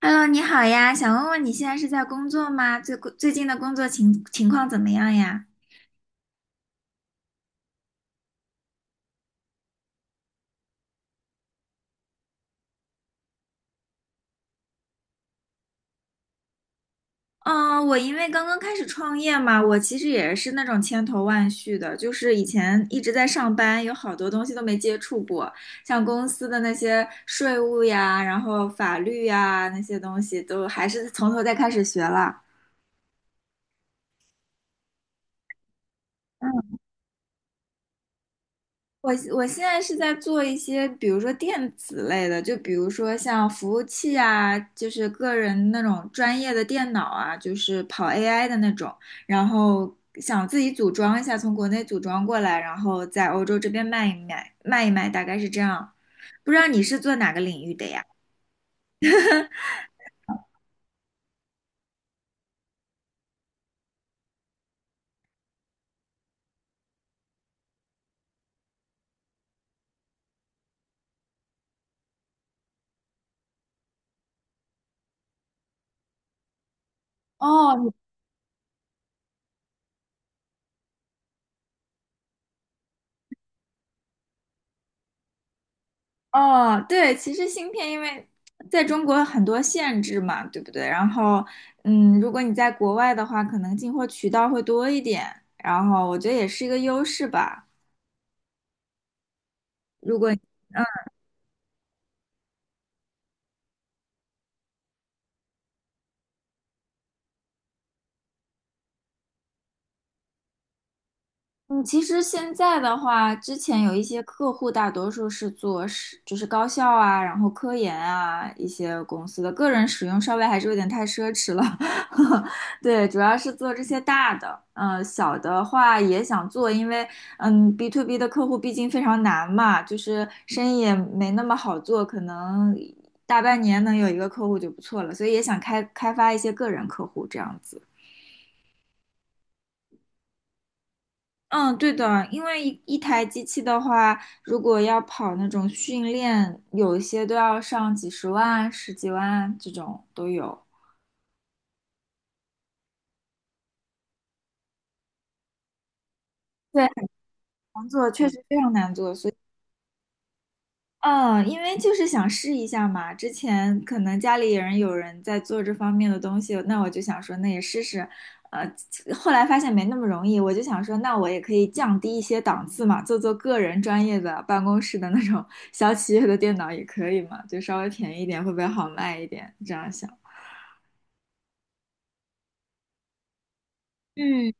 Hello，你好呀，想问问你现在是在工作吗？最近的工作情况怎么样呀？嗯，我因为刚刚开始创业嘛，我其实也是那种千头万绪的，就是以前一直在上班，有好多东西都没接触过，像公司的那些税务呀，然后法律呀那些东西，都还是从头再开始学了。嗯。我现在是在做一些，比如说电子类的，就比如说像服务器啊，就是个人那种专业的电脑啊，就是跑 AI 的那种，然后想自己组装一下，从国内组装过来，然后在欧洲这边卖一卖，大概是这样。不知道你是做哪个领域的呀？哦，哦，对，其实芯片因为在中国很多限制嘛，对不对？然后，嗯，如果你在国外的话，可能进货渠道会多一点，然后我觉得也是一个优势吧。如果，嗯、嗯，其实现在的话，之前有一些客户，大多数是做是就是高校啊，然后科研啊一些公司的，个人使用稍微还是有点太奢侈了。对，主要是做这些大的，小的话也想做，因为嗯，B to B 的客户毕竟非常难嘛，就是生意也没那么好做，可能大半年能有一个客户就不错了，所以也想发一些个人客户这样子。嗯，对的，因为一台机器的话，如果要跑那种训练，有一些都要上几十万、十几万这种都有。对，很难做，确实非常难做，所以。嗯，因为就是想试一下嘛，之前可能家里人有人在做这方面的东西，那我就想说，那也试试。呃，后来发现没那么容易，我就想说，那我也可以降低一些档次嘛，做做个人专业的办公室的那种小企业的电脑也可以嘛，就稍微便宜一点，会不会好卖一点？这样想。嗯。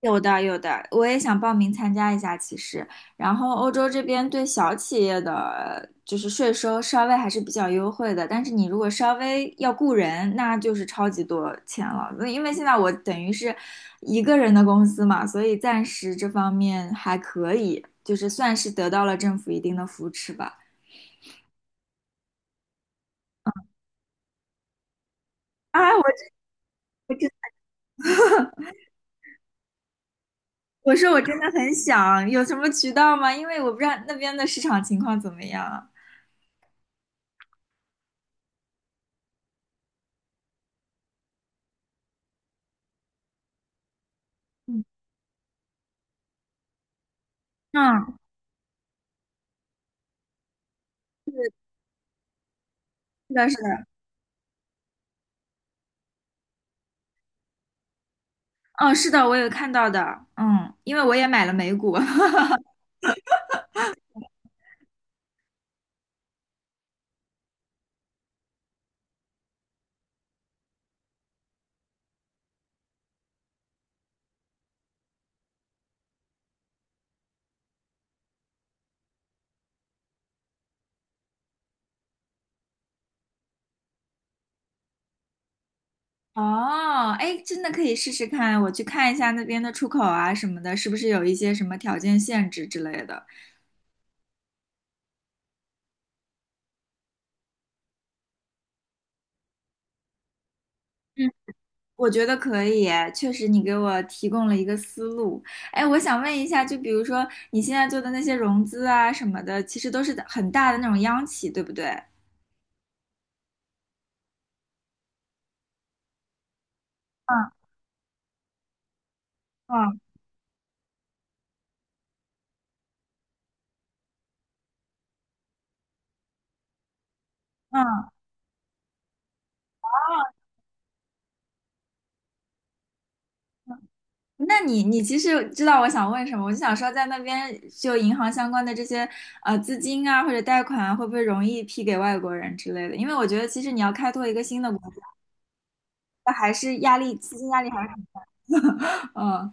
有的，有的，我也想报名参加一下。其实，然后欧洲这边对小企业的就是税收稍微还是比较优惠的，但是你如果稍微要雇人，那就是超级多钱了。那因为现在我等于是一个人的公司嘛，所以暂时这方面还可以，就是算是得到了政府一定的扶持吧。啊，我真我说我真的很想，有什么渠道吗？因为我不知道那边的市场情况怎么样。嗯，嗯是的，是的。哦，是的，我有看到的，嗯，因为我也买了美股。哦，哎，真的可以试试看，我去看一下那边的出口啊什么的，是不是有一些什么条件限制之类的？嗯，我觉得可以，确实你给我提供了一个思路。哎，我想问一下，就比如说你现在做的那些融资啊什么的，其实都是很大的那种央企，对不对？嗯嗯嗯。哦。那你你其实知道我想问什么，我就想说，在那边就银行相关的这些资金啊或者贷款啊，会不会容易批给外国人之类的？因为我觉得其实你要开拓一个新的国家，还是压力资金压力还是很嗯，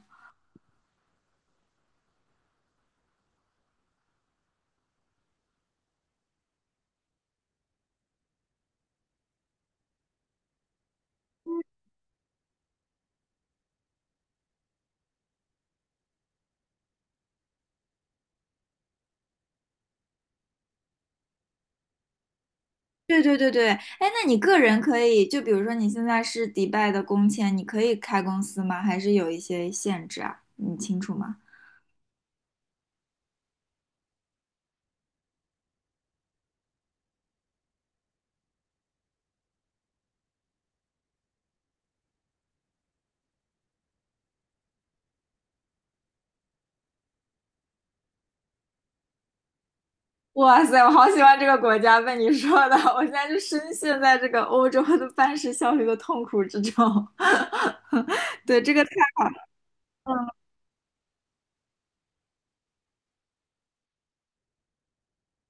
对对对对，哎，那你个人可以就比如说你现在是迪拜的工签，你可以开公司吗？还是有一些限制啊？你清楚吗？哇塞，我好喜欢这个国家，被你说的，我现在就深陷在这个欧洲的办事效率的痛苦之中。对，这个太，嗯，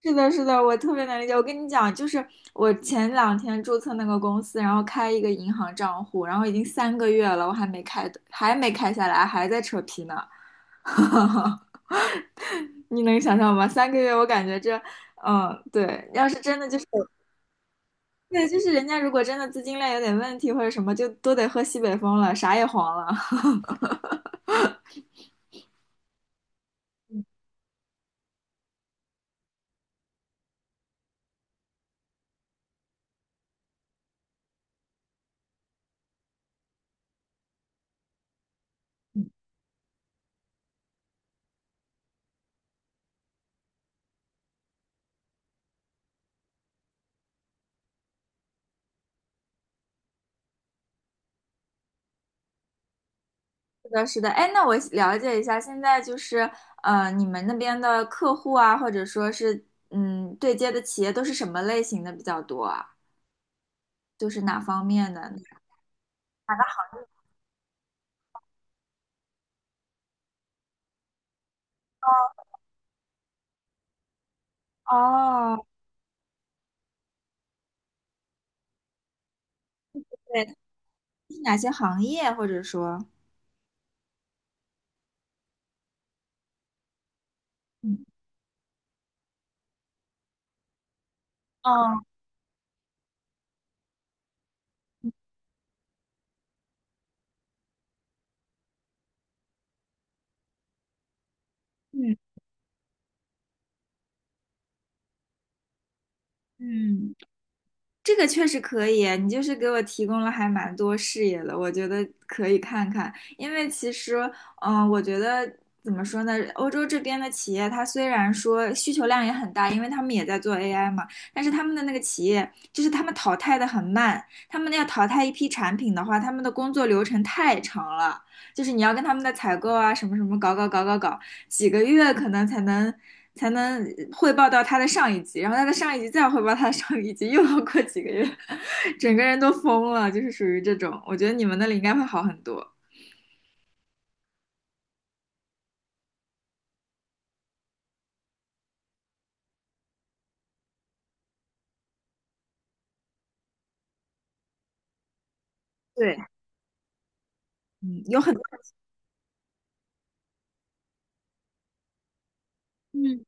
是的，是的，我特别能理解。我跟你讲，就是我前两天注册那个公司，然后开一个银行账户，然后已经3个月了，我还没开，还没开下来，还在扯皮呢。你能想象吗？三个月，我感觉这，嗯，对，要是真的就是，对，就是人家如果真的资金链有点问题或者什么，就都得喝西北风了，啥也黄了。是的，是的，哎，那我了解一下，现在就是，你们那边的客户啊，或者说是，嗯，对接的企业都是什么类型的比较多啊？就是哪方面的？哦，对，是哪些行业，或者说，嗯，哦，嗯嗯。这个确实可以，你就是给我提供了还蛮多视野的，我觉得可以看看。因为其实，我觉得怎么说呢，欧洲这边的企业，它虽然说需求量也很大，因为他们也在做 AI 嘛，但是他们的那个企业，就是他们淘汰的很慢，他们要淘汰一批产品的话，他们的工作流程太长了，就是你要跟他们的采购啊，什么什么搞搞搞搞搞，几个月可能才能才能汇报到他的上一级，然后他的上一级再汇报他的上一级，又要过几个月，整个人都疯了，就是属于这种。我觉得你们那里应该会好很多。对，嗯，有很多，嗯，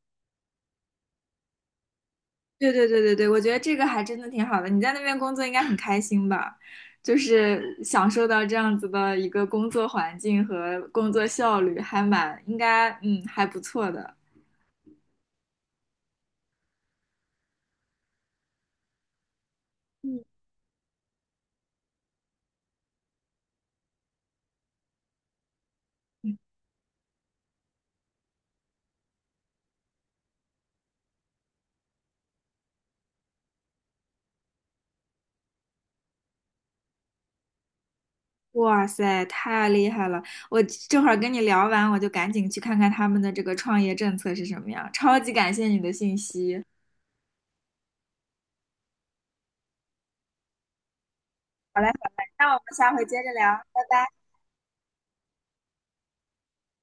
对对对对对，我觉得这个还真的挺好的。你在那边工作应该很开心吧？就是享受到这样子的一个工作环境和工作效率，还蛮应该，嗯，还不错的。哇塞，太厉害了！我这会儿跟你聊完，我就赶紧去看看他们的这个创业政策是什么样。超级感谢你的信息。好嘞，好嘞，那我们下回接着聊，拜拜。